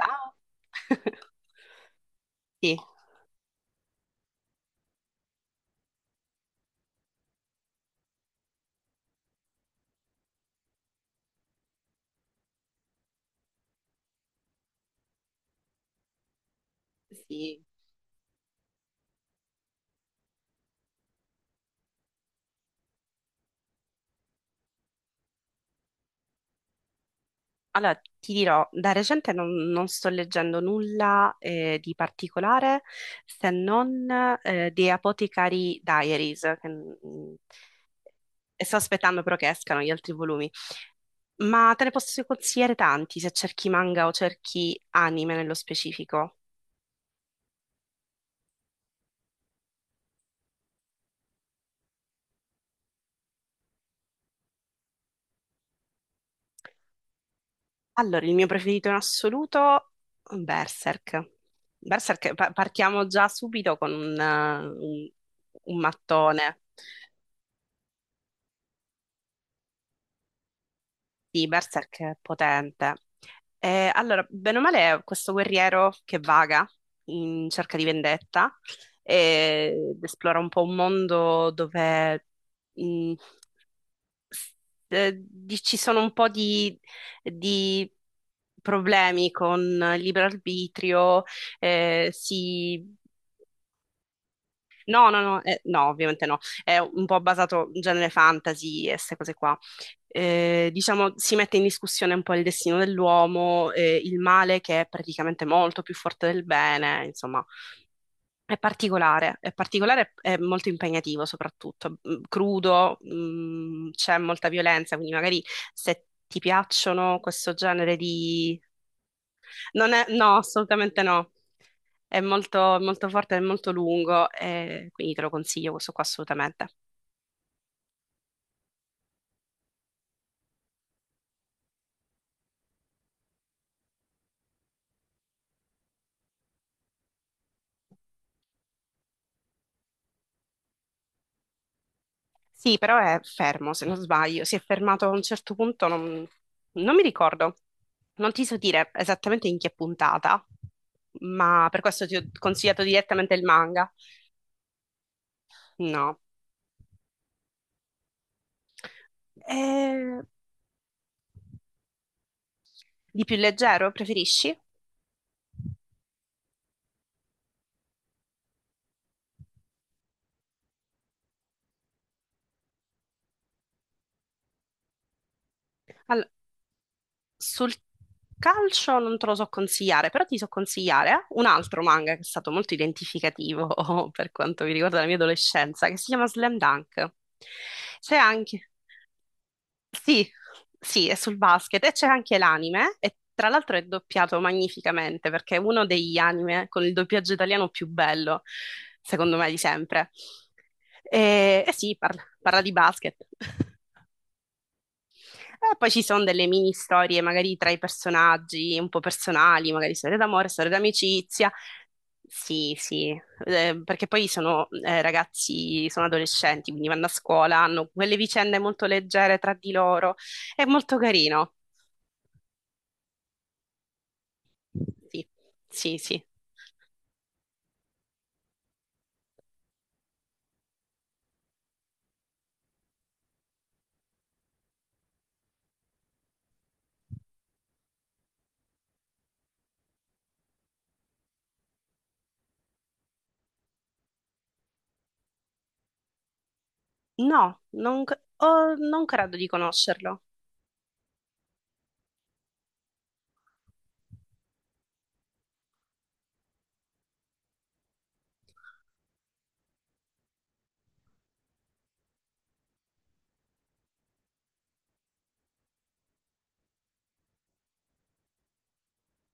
Ah, sì, sì. Allora, ti dirò, da recente non sto leggendo nulla di particolare se non The Apothecary Diaries, e sto aspettando però che escano gli altri volumi. Ma te ne posso consigliare tanti se cerchi manga o cerchi anime nello specifico. Allora, il mio preferito in assoluto, Berserk. Berserk, partiamo già subito con un mattone. Sì, Berserk è potente. Allora, bene o male, è questo guerriero che vaga in cerca di vendetta ed esplora un po' un mondo dove mh, s- ci sono un po' di problemi con il libero arbitrio, eh, si No, no, no, no, ovviamente no. È un po' basato in genere fantasy e queste cose qua. Diciamo, si mette in discussione un po' il destino dell'uomo, il male che è praticamente molto più forte del bene, insomma, è particolare e molto impegnativo soprattutto, crudo, c'è molta violenza, quindi magari se ti piacciono questo genere non è, no, assolutamente no. È molto, molto forte, è molto lungo, e quindi te lo consiglio questo qua assolutamente. Sì, però è fermo, se non sbaglio. Si è fermato a un certo punto, non mi ricordo. Non ti so dire esattamente in che puntata, ma per questo ti ho consigliato direttamente il manga. No. Eh, di più leggero, preferisci? Al- Sul calcio non te lo so consigliare, però ti so consigliare un altro manga che è stato molto identificativo per quanto mi riguarda la mia adolescenza, che si chiama Slam Dunk. C'è anche. Sì, sì, è sul basket e c'è anche l'anime e tra l'altro è doppiato magnificamente perché è uno degli anime con il doppiaggio italiano più bello, secondo me, di sempre. E sì, parla di basket. E poi ci sono delle mini storie, magari tra i personaggi, un po' personali, magari storie d'amore, storie d'amicizia. Sì, sì. Perché poi sono ragazzi, sono adolescenti, quindi vanno a scuola, hanno quelle vicende molto leggere tra di loro. È molto carino. Sì, sì, sì. No, non, c- oh, non credo di conoscerlo.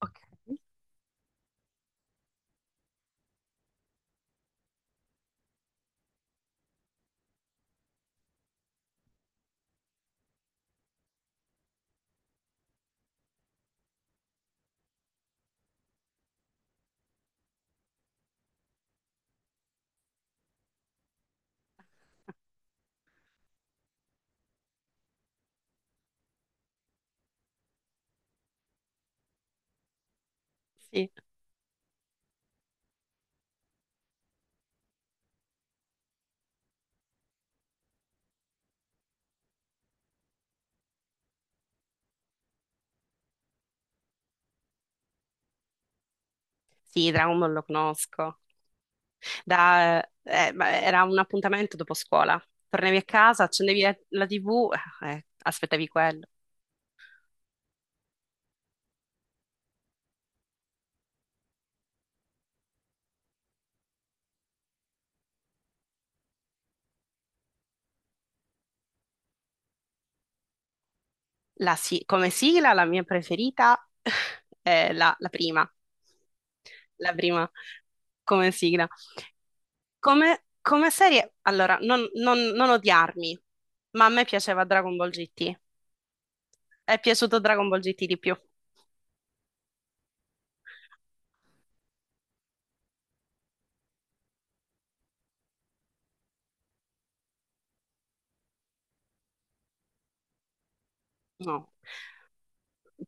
Ok. Sì, sì, Dragon Ball lo conosco. Ma era un appuntamento dopo scuola. Tornavi a casa, accendevi la TV, aspettavi quello. Come sigla, la mia preferita è la prima. La prima come sigla. Come serie, allora, non odiarmi, ma a me piaceva Dragon Ball GT. È piaciuto Dragon Ball GT di più? No.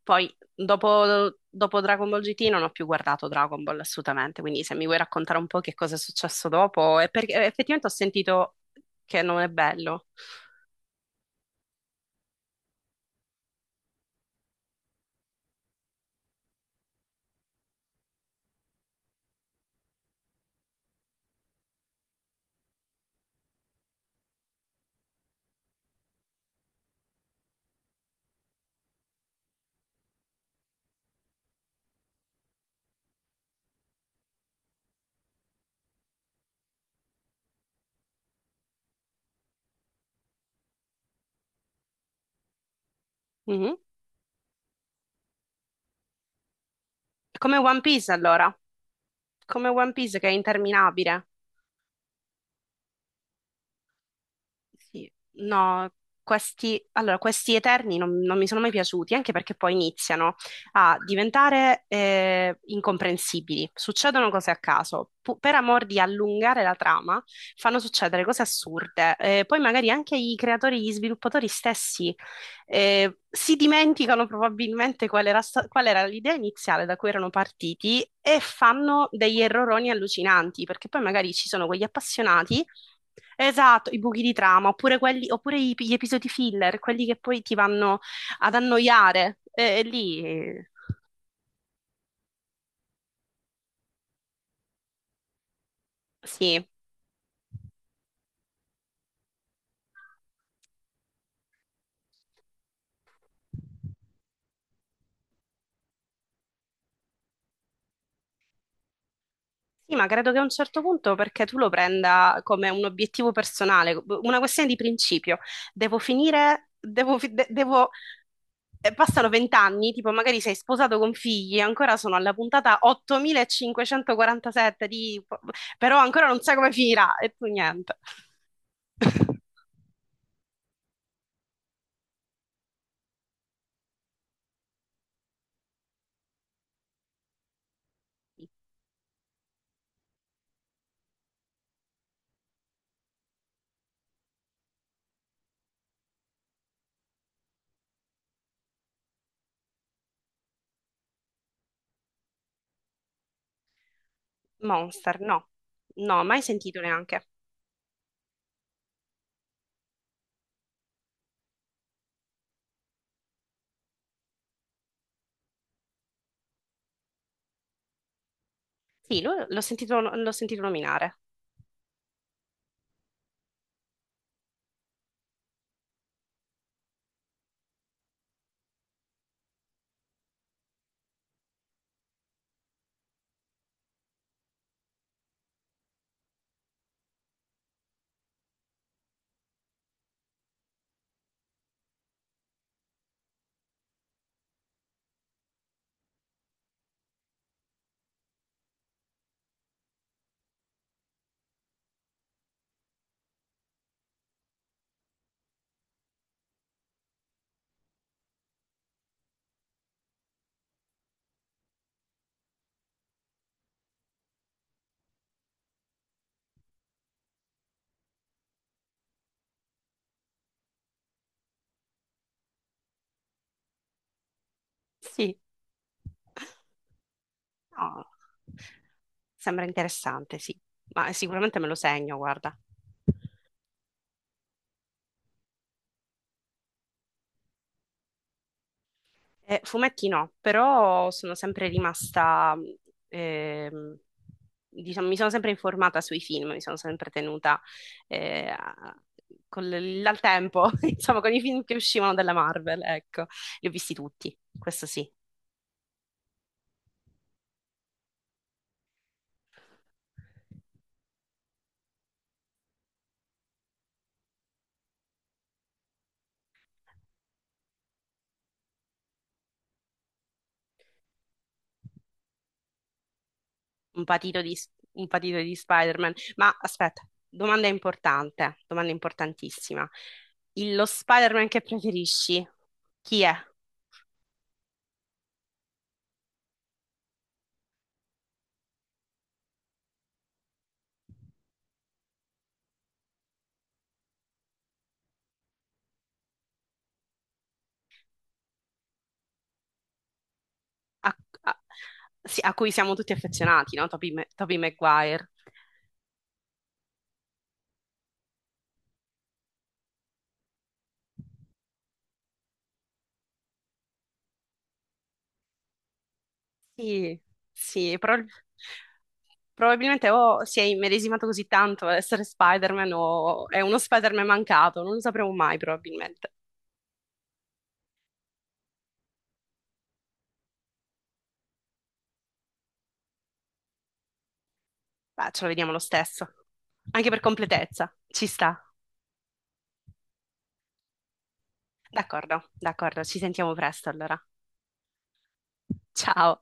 Poi, dopo Dragon Ball GT, non ho più guardato Dragon Ball assolutamente. Quindi, se mi vuoi raccontare un po' che cosa è successo dopo, è perché effettivamente ho sentito che non è bello. Mhm. Come One Piece, allora. Come One Piece che è interminabile. Sì, no, allora, questi Eterni non mi sono mai piaciuti, anche perché poi iniziano a diventare incomprensibili. Succedono cose a caso. Per amor di allungare la trama, fanno succedere cose assurde. Poi magari anche i creatori, gli sviluppatori stessi si dimenticano probabilmente qual era l'idea iniziale da cui erano partiti e fanno degli erroroni allucinanti, perché poi magari ci sono quegli appassionati. Esatto, i buchi di trama, oppure gli episodi filler, quelli che poi ti vanno ad annoiare. E lì, sì. Sì, ma credo che a un certo punto, perché tu lo prenda come un obiettivo personale, una questione di principio. Devo finire, devo, fi- de- devo- passano 20 anni, tipo magari sei sposato con figli, ancora sono alla puntata 8547 . Però ancora non sai come finirà, e tu niente. Monster, no, no, mai sentito neanche. Sì, l'ho sentito nominare. Sì, no. Sembra interessante, sì, ma sicuramente me lo segno, guarda. Fumetti no, però sono sempre rimasta, ehm, diciamo, mi sono sempre informata sui film, mi sono sempre tenuta eh, a- al tempo, insomma, con i film che uscivano dalla Marvel, ecco, li ho visti tutti, questo sì. un patito di, un patito di Spider-Man. Ma aspetta, domanda importante, domanda importantissima. Lo Spider-Man che preferisci, chi è? a, a- sì, a cui siamo tutti affezionati, no? Tobey Maguire. Sì, sì, probabilmente o si è immedesimato così tanto ad essere Spider-Man o è uno Spider-Man mancato, non lo sapremo mai probabilmente. Beh, ce lo vediamo lo stesso, anche per completezza, ci sta. D'accordo, d'accordo, ci sentiamo presto allora. Ciao.